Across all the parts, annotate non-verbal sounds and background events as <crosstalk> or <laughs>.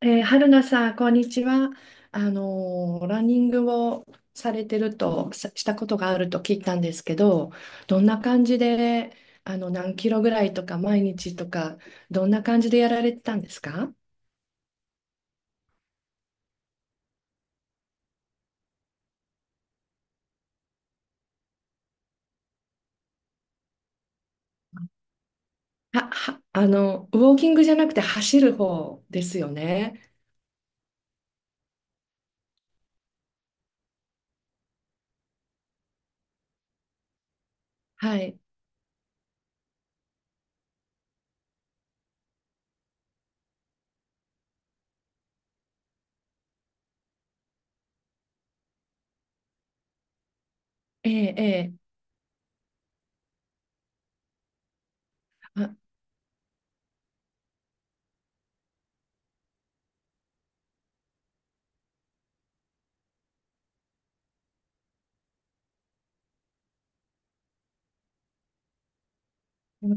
春菜さん、こんにちは。ランニングをされてると、さしたことがあると聞いたんですけど、どんな感じで、あの、何キロぐらいとか、毎日とか、どんな感じでやられてたんですか？あ、は、あの、ウォーキングじゃなくて走る方ですよね。はい。ええ、ええ。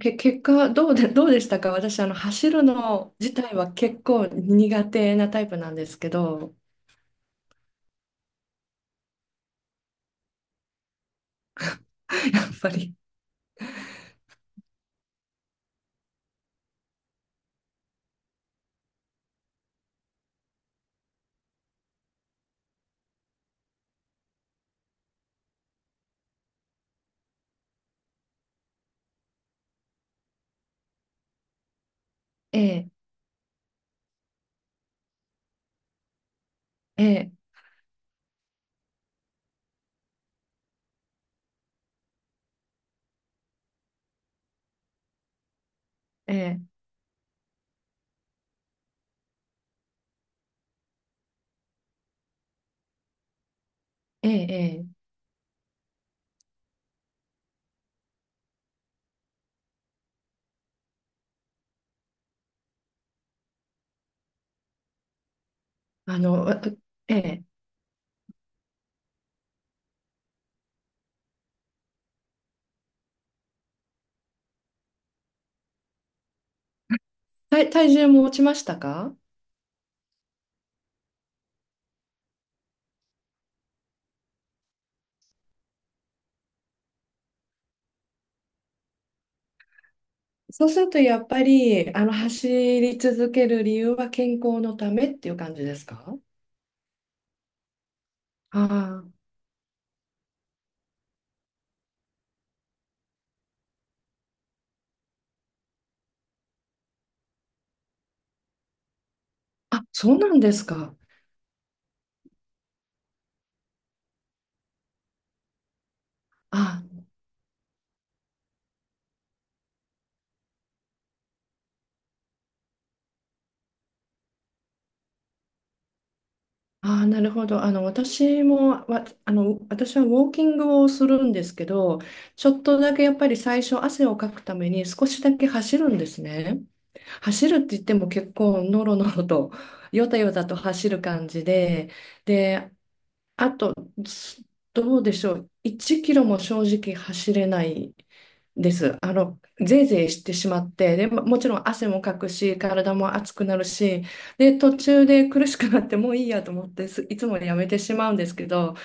け、結果どうで、どうでしたか？私、あの、走るの自体は結構苦手なタイプなんですけど、<laughs> やっぱり、ええ、ええ、ええ、ええ、ええ、あの、わ、ええ、体、体重も落ちましたか？そうすると、やっぱり、あの、走り続ける理由は健康のためっていう感じですか？ああー、あ、そうなんですか。ああ、あ、なるほど。あの、私も、わ、あの、私はウォーキングをするんですけど、ちょっとだけやっぱり最初汗をかくために少しだけ走るんですね。走るって言っても結構ノロノロと、ヨタヨタと走る感じで、で、す、どうでしょう。1キロも正直走れないです。あの、ぜいぜいしてしまって、で、ももちろん汗もかくし、体も熱くなるし、で、途中で苦しくなってもういいやと思ってす、いつもやめてしまうんですけど、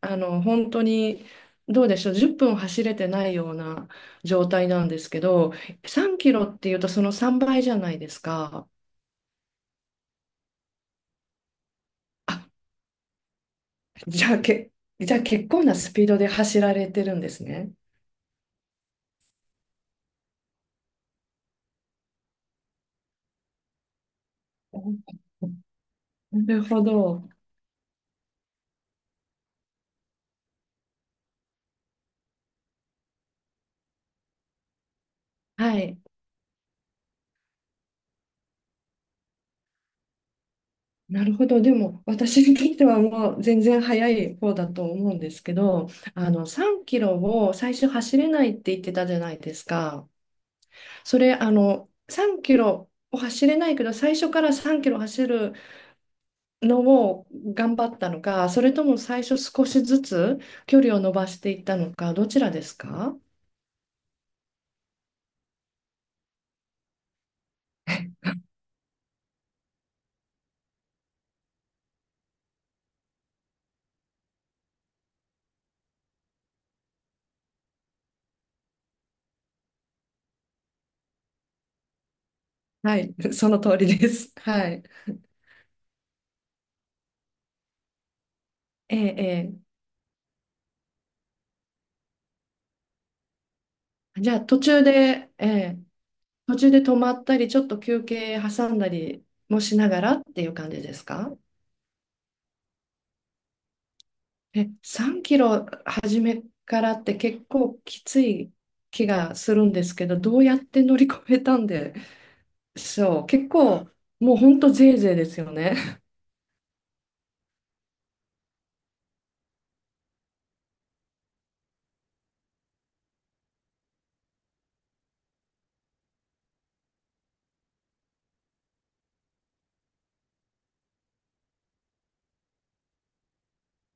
あの、本当に、どうでしょう、10分走れてないような状態なんですけど、3キロっていうとその3倍じゃないですか。あ、じゃあ、け、じゃあ結構なスピードで走られてるんですね。お、なるほど。はい。なるほど。でも、私にとってはもう全然早い方だと思うんですけど、あの、3キロを最初走れないって言ってたじゃないですか。それ、あの、3キロを走れないけど、最初から3キロ走るのを頑張ったのか、それとも最初少しずつ距離を伸ばしていったのか、どちらですか？はい、<laughs> その通りです。はい。ええ、ええ。じゃあ、途中で、ええ。途中で止まったり、ちょっと休憩挟んだりもしながらっていう感じですか？え、3キロ初めからって結構きつい気がするんですけど、どうやって乗り越えたんでしょう。結構もうほんとぜいぜいですよね。<laughs>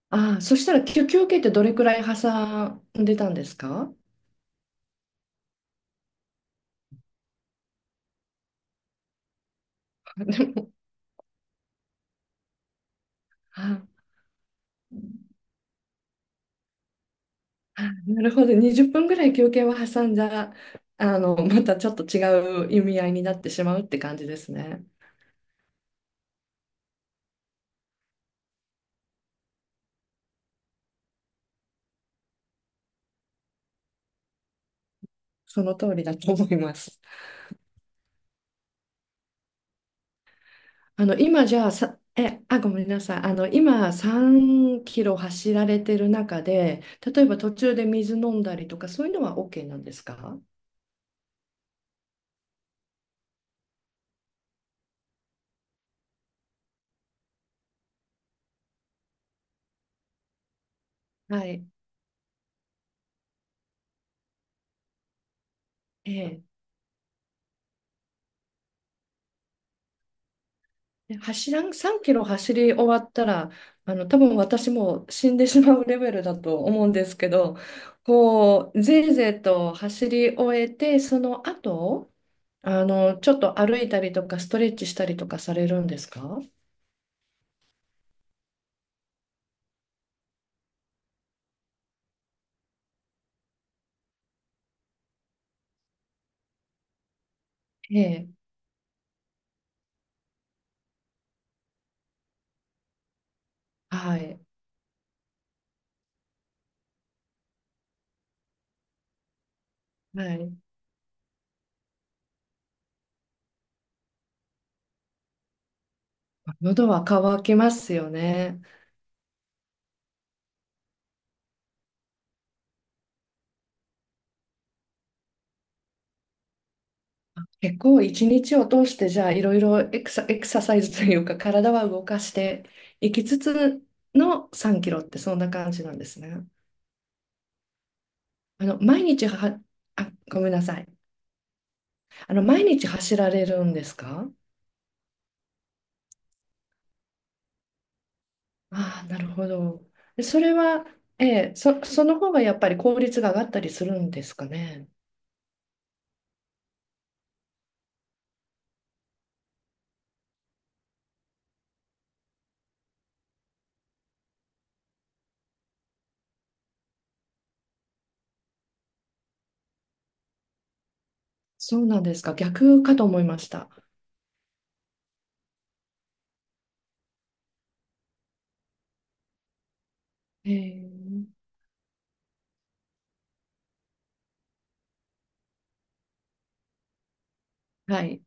ああ、そしたら休休憩ってどれくらい挟んでたんですか？でも <laughs> ああ、なるほど。20分ぐらい休憩を挟んじゃ、あの、またちょっと違う意味合いになってしまうって感じですね。その通りだと思います。あの、今じゃあさ、え、あ、ごめんなさい。あの、今3キロ走られてる中で、例えば途中で水飲んだりとか、そういうのは OK なんですか？はい。ええ。で走らん、3キロ走り終わったら、あの、多分私も死んでしまうレベルだと思うんですけど、こう、ぜいぜいと走り終えて、その後、あの、ちょっと歩いたりとか、ストレッチしたりとかされるんですか？ええ。はい。はい。喉は渇きますよね。結構一日を通してじゃあいろいろエクサ、エクササイズというか体は動かしていきつつの3キロってそんな感じなんですね。あの毎日は、あ、ごめんなさい。あの毎日走られるんですか？ああー、なるほど。でそれは、ええ、そ、その方がやっぱり効率が上がったりするんですかね。そうなんですか。逆かと思いました。ええ、はい。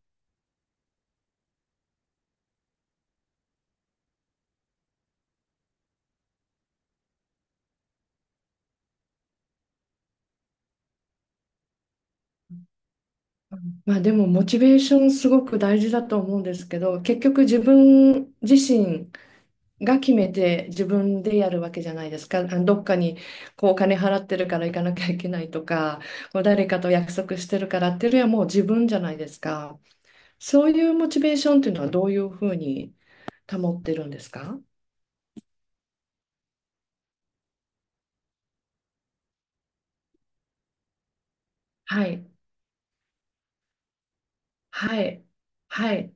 まあでもモチベーションすごく大事だと思うんですけど、結局自分自身が決めて自分でやるわけじゃないですか。あのどっかにこうお金払ってるから行かなきゃいけないとか、こう誰かと約束してるからっていうよりはもう自分じゃないですか。そういうモチベーションっていうのはどういうふうに保ってるんですか？はい、はい、はい、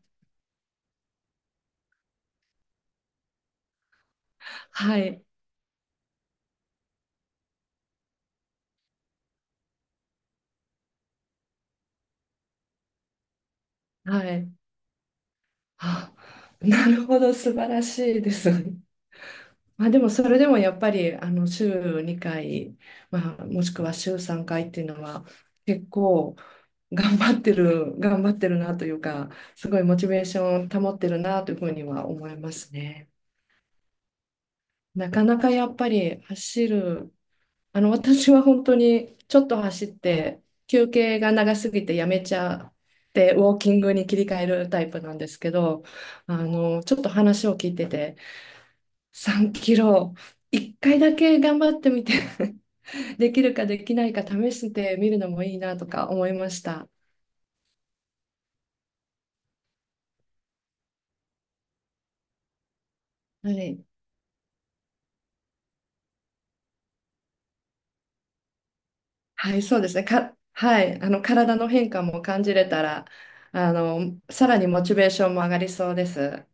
はい、はい。あ、なるほど、素晴らしいですね。まあ、でもそれでもやっぱりあの週2回、まあ、もしくは週3回っていうのは結構頑張ってるなというかすごいモチベーション保ってるなというふうには思いますね。なかなかやっぱり走る、あの私は本当にちょっと走って休憩が長すぎてやめちゃってウォーキングに切り替えるタイプなんですけど、あのちょっと話を聞いてて3キロ1回だけ頑張ってみてできるかできないか試してみるのもいいなとか思いました。はい。はい、そうですね。か、はい。あの、体の変化も感じれたら、あの、さらにモチベーションも上がりそうです。